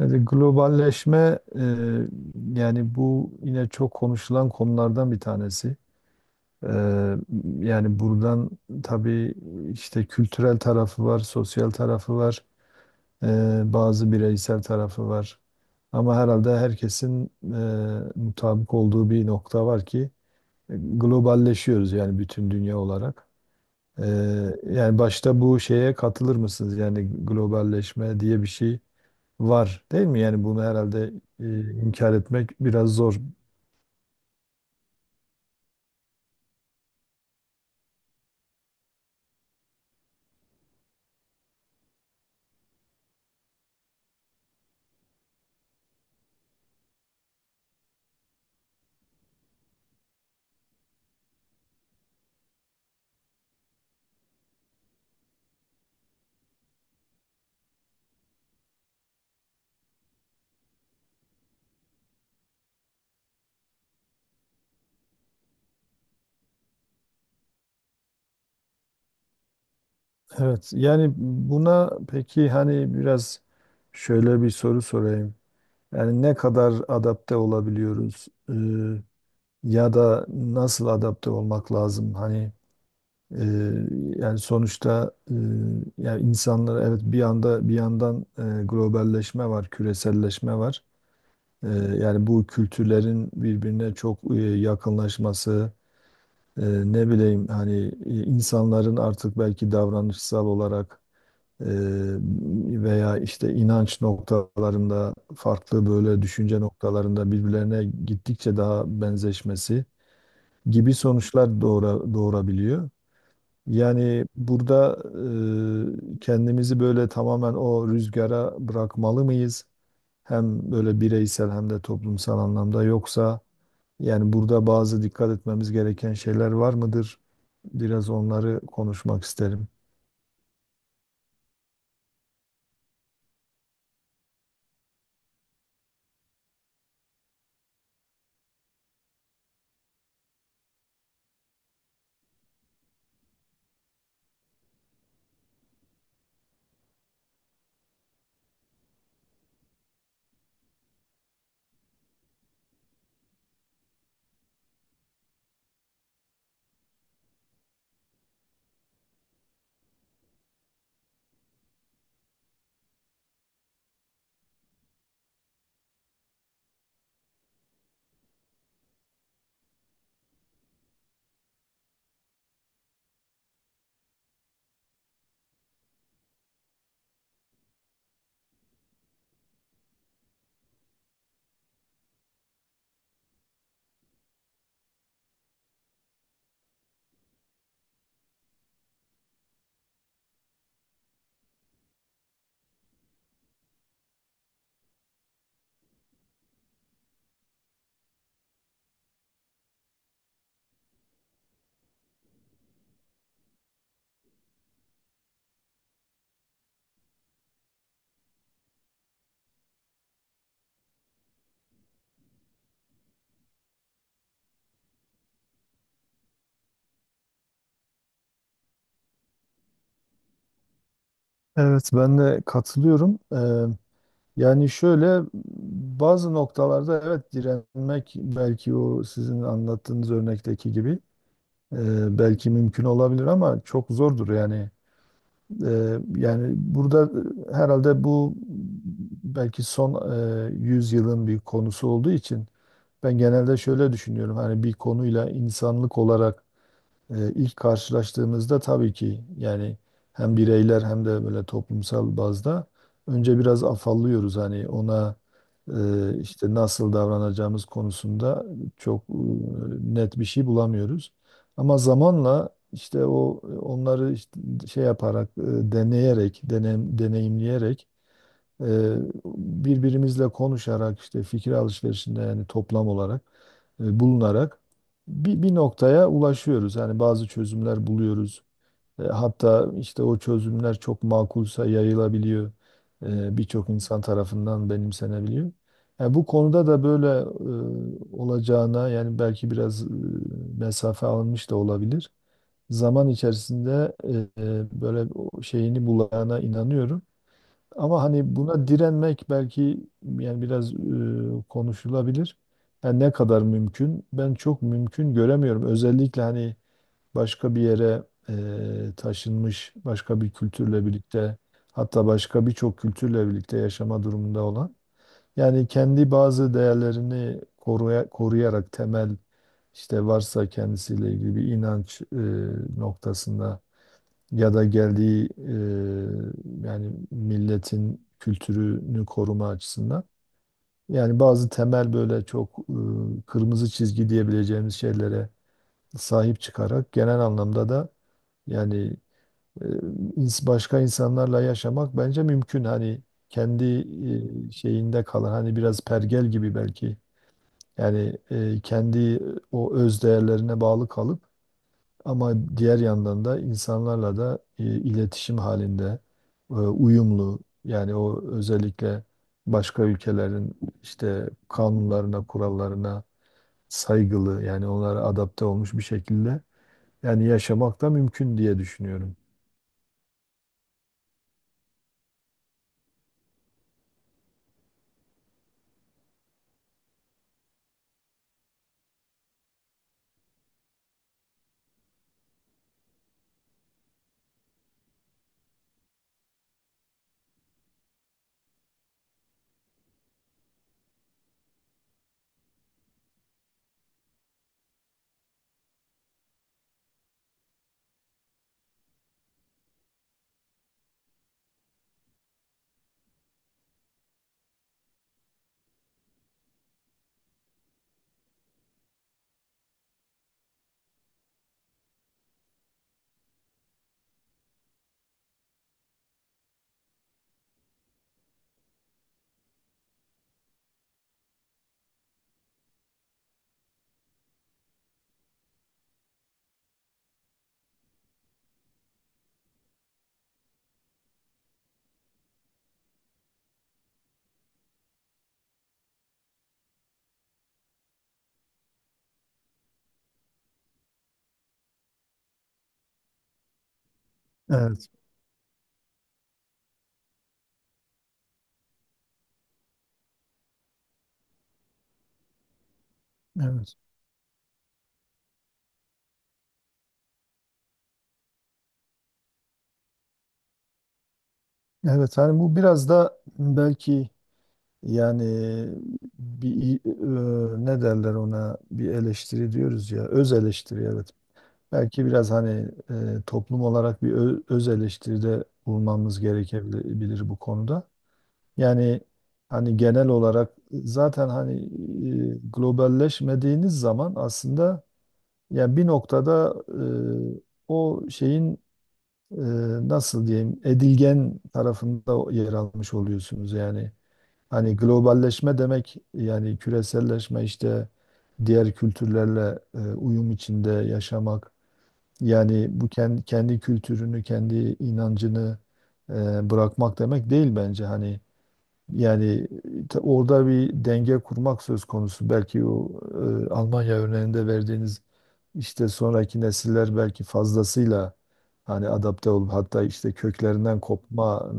Yani globalleşme yani bu yine çok konuşulan konulardan bir tanesi. E, Yani buradan tabii işte kültürel tarafı var, sosyal tarafı var, bazı bireysel tarafı var. Ama herhalde herkesin mutabık olduğu bir nokta var ki globalleşiyoruz yani bütün dünya olarak. E, Yani başta bu şeye katılır mısınız? Yani globalleşme diye bir şey var değil mi? Yani bunu herhalde inkar etmek biraz zor. Evet, yani buna peki hani biraz şöyle bir soru sorayım. Yani ne kadar adapte olabiliyoruz, ya da nasıl adapte olmak lazım? E, yani sonuçta yani insanlar evet bir anda bir yandan, globalleşme var, küreselleşme var. E, Yani bu kültürlerin birbirine çok yakınlaşması, E, ne bileyim hani insanların artık belki davranışsal olarak e, veya işte inanç noktalarında farklı böyle düşünce noktalarında birbirlerine gittikçe daha benzeşmesi gibi sonuçlar doğurabiliyor. Yani burada kendimizi böyle tamamen o rüzgara bırakmalı mıyız? Hem böyle bireysel hem de toplumsal anlamda, yoksa yani burada bazı dikkat etmemiz gereken şeyler var mıdır? Biraz onları konuşmak isterim. Evet, ben de katılıyorum. Yani şöyle bazı noktalarda evet direnmek belki o sizin anlattığınız örnekteki gibi belki mümkün olabilir ama çok zordur yani. Yani burada herhalde bu belki son e, 100 yılın bir konusu olduğu için ben genelde şöyle düşünüyorum. Hani bir konuyla insanlık olarak ilk karşılaştığımızda tabii ki yani hem bireyler hem de böyle toplumsal bazda önce biraz afallıyoruz, hani ona işte nasıl davranacağımız konusunda çok net bir şey bulamıyoruz. Ama zamanla işte o onları işte şey yaparak, deneyerek, deneyimleyerek, ee, birbirimizle konuşarak işte fikir alışverişinde, yani toplam olarak bulunarak bir noktaya ulaşıyoruz. Yani bazı çözümler buluyoruz. Hatta işte o çözümler çok makulsa yayılabiliyor. Birçok insan tarafından benimsenebiliyor. Yani bu konuda da böyle olacağına, yani belki biraz mesafe alınmış da olabilir. Zaman içerisinde böyle o şeyini bulana inanıyorum. Ama hani buna direnmek belki yani biraz konuşulabilir. Yani ne kadar mümkün? Ben çok mümkün göremiyorum. Özellikle hani başka bir yere taşınmış, başka bir kültürle birlikte, hatta başka birçok kültürle birlikte yaşama durumunda olan. Yani kendi bazı değerlerini koruyarak temel, işte varsa kendisiyle ilgili bir inanç noktasında ya da geldiği yani milletin kültürünü koruma açısından. Yani bazı temel böyle çok kırmızı çizgi diyebileceğimiz şeylere sahip çıkarak genel anlamda da yani e, başka insanlarla yaşamak bence mümkün. Hani kendi şeyinde kalan, hani biraz pergel gibi belki. Yani kendi o öz değerlerine bağlı kalıp ama diğer yandan da insanlarla da iletişim halinde, uyumlu, yani o özellikle başka ülkelerin işte kanunlarına, kurallarına saygılı, yani onlara adapte olmuş bir şekilde yani yaşamak da mümkün diye düşünüyorum. Evet, evet. Evet, hani bu biraz da belki yani bir, ne derler ona, bir eleştiri diyoruz ya, öz eleştiri, evet. Belki biraz hani toplum olarak bir öz eleştiride bulunmamız gerekebilir bu konuda. Yani hani genel olarak zaten hani globalleşmediğiniz zaman aslında yani bir noktada e, o şeyin e, nasıl diyeyim edilgen tarafında yer almış oluyorsunuz. Yani hani globalleşme demek, yani küreselleşme, işte diğer kültürlerle uyum içinde yaşamak, yani bu kendi kültürünü, kendi inancını bırakmak demek değil bence. Hani yani orada bir denge kurmak söz konusu. Belki o Almanya örneğinde verdiğiniz işte sonraki nesiller belki fazlasıyla hani adapte olup hatta işte köklerinden kopma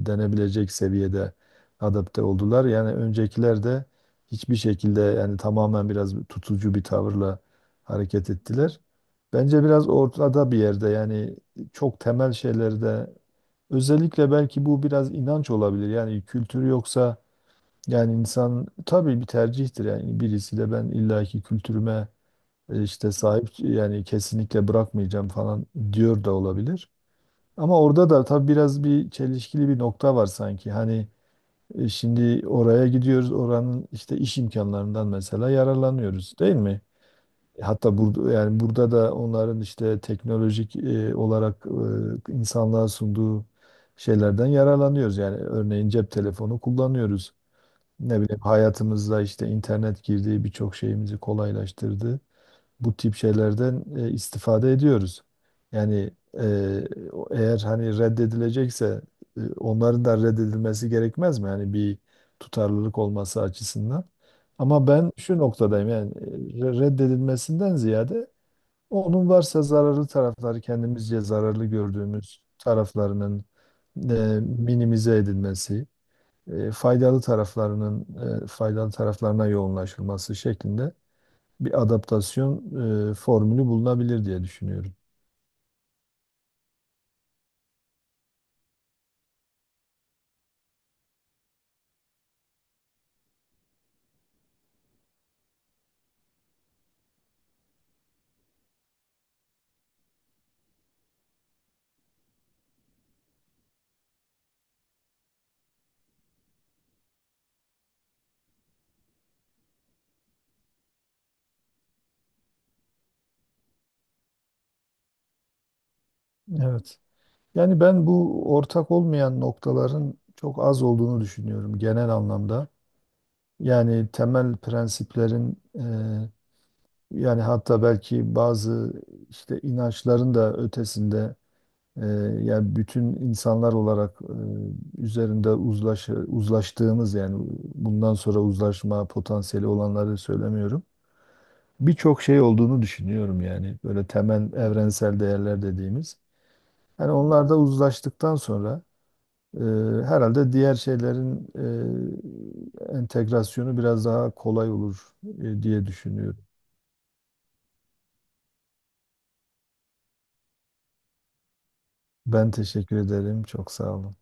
denebilecek seviyede adapte oldular. Yani öncekiler de hiçbir şekilde yani tamamen biraz tutucu bir tavırla hareket ettiler. Bence biraz ortada bir yerde yani çok temel şeylerde. Özellikle belki bu biraz inanç olabilir. Yani kültürü yoksa yani insan, tabii bir tercihtir. Yani birisi de ben illaki kültürüme işte sahip yani kesinlikle bırakmayacağım falan diyor da olabilir. Ama orada da tabii biraz bir çelişkili bir nokta var sanki. Hani şimdi oraya gidiyoruz, oranın işte iş imkanlarından mesela yararlanıyoruz değil mi? Hatta burada, yani burada da onların işte teknolojik olarak insanlığa sunduğu şeylerden yararlanıyoruz. Yani örneğin cep telefonu kullanıyoruz. Ne bileyim hayatımızda işte internet girdiği birçok şeyimizi kolaylaştırdı, bu tip şeylerden istifade ediyoruz. Yani e, eğer hani reddedilecekse onların da reddedilmesi gerekmez mi? Yani bir tutarlılık olması açısından. Ama ben şu noktadayım, yani reddedilmesinden ziyade onun varsa zararlı tarafları, kendimizce zararlı gördüğümüz taraflarının e, minimize edilmesi, faydalı taraflarının, faydalı taraflarına yoğunlaşılması şeklinde bir adaptasyon formülü bulunabilir diye düşünüyorum. Evet. Yani ben bu ortak olmayan noktaların çok az olduğunu düşünüyorum genel anlamda. Yani temel prensiplerin, yani hatta belki bazı işte inançların da ötesinde, e, yani bütün insanlar olarak üzerinde uzlaştığımız, yani bundan sonra uzlaşma potansiyeli olanları söylemiyorum, birçok şey olduğunu düşünüyorum yani. Böyle temel evrensel değerler dediğimiz. Hani onlar da uzlaştıktan sonra e, herhalde diğer şeylerin entegrasyonu biraz daha kolay olur diye düşünüyorum. Ben teşekkür ederim. Çok sağ olun.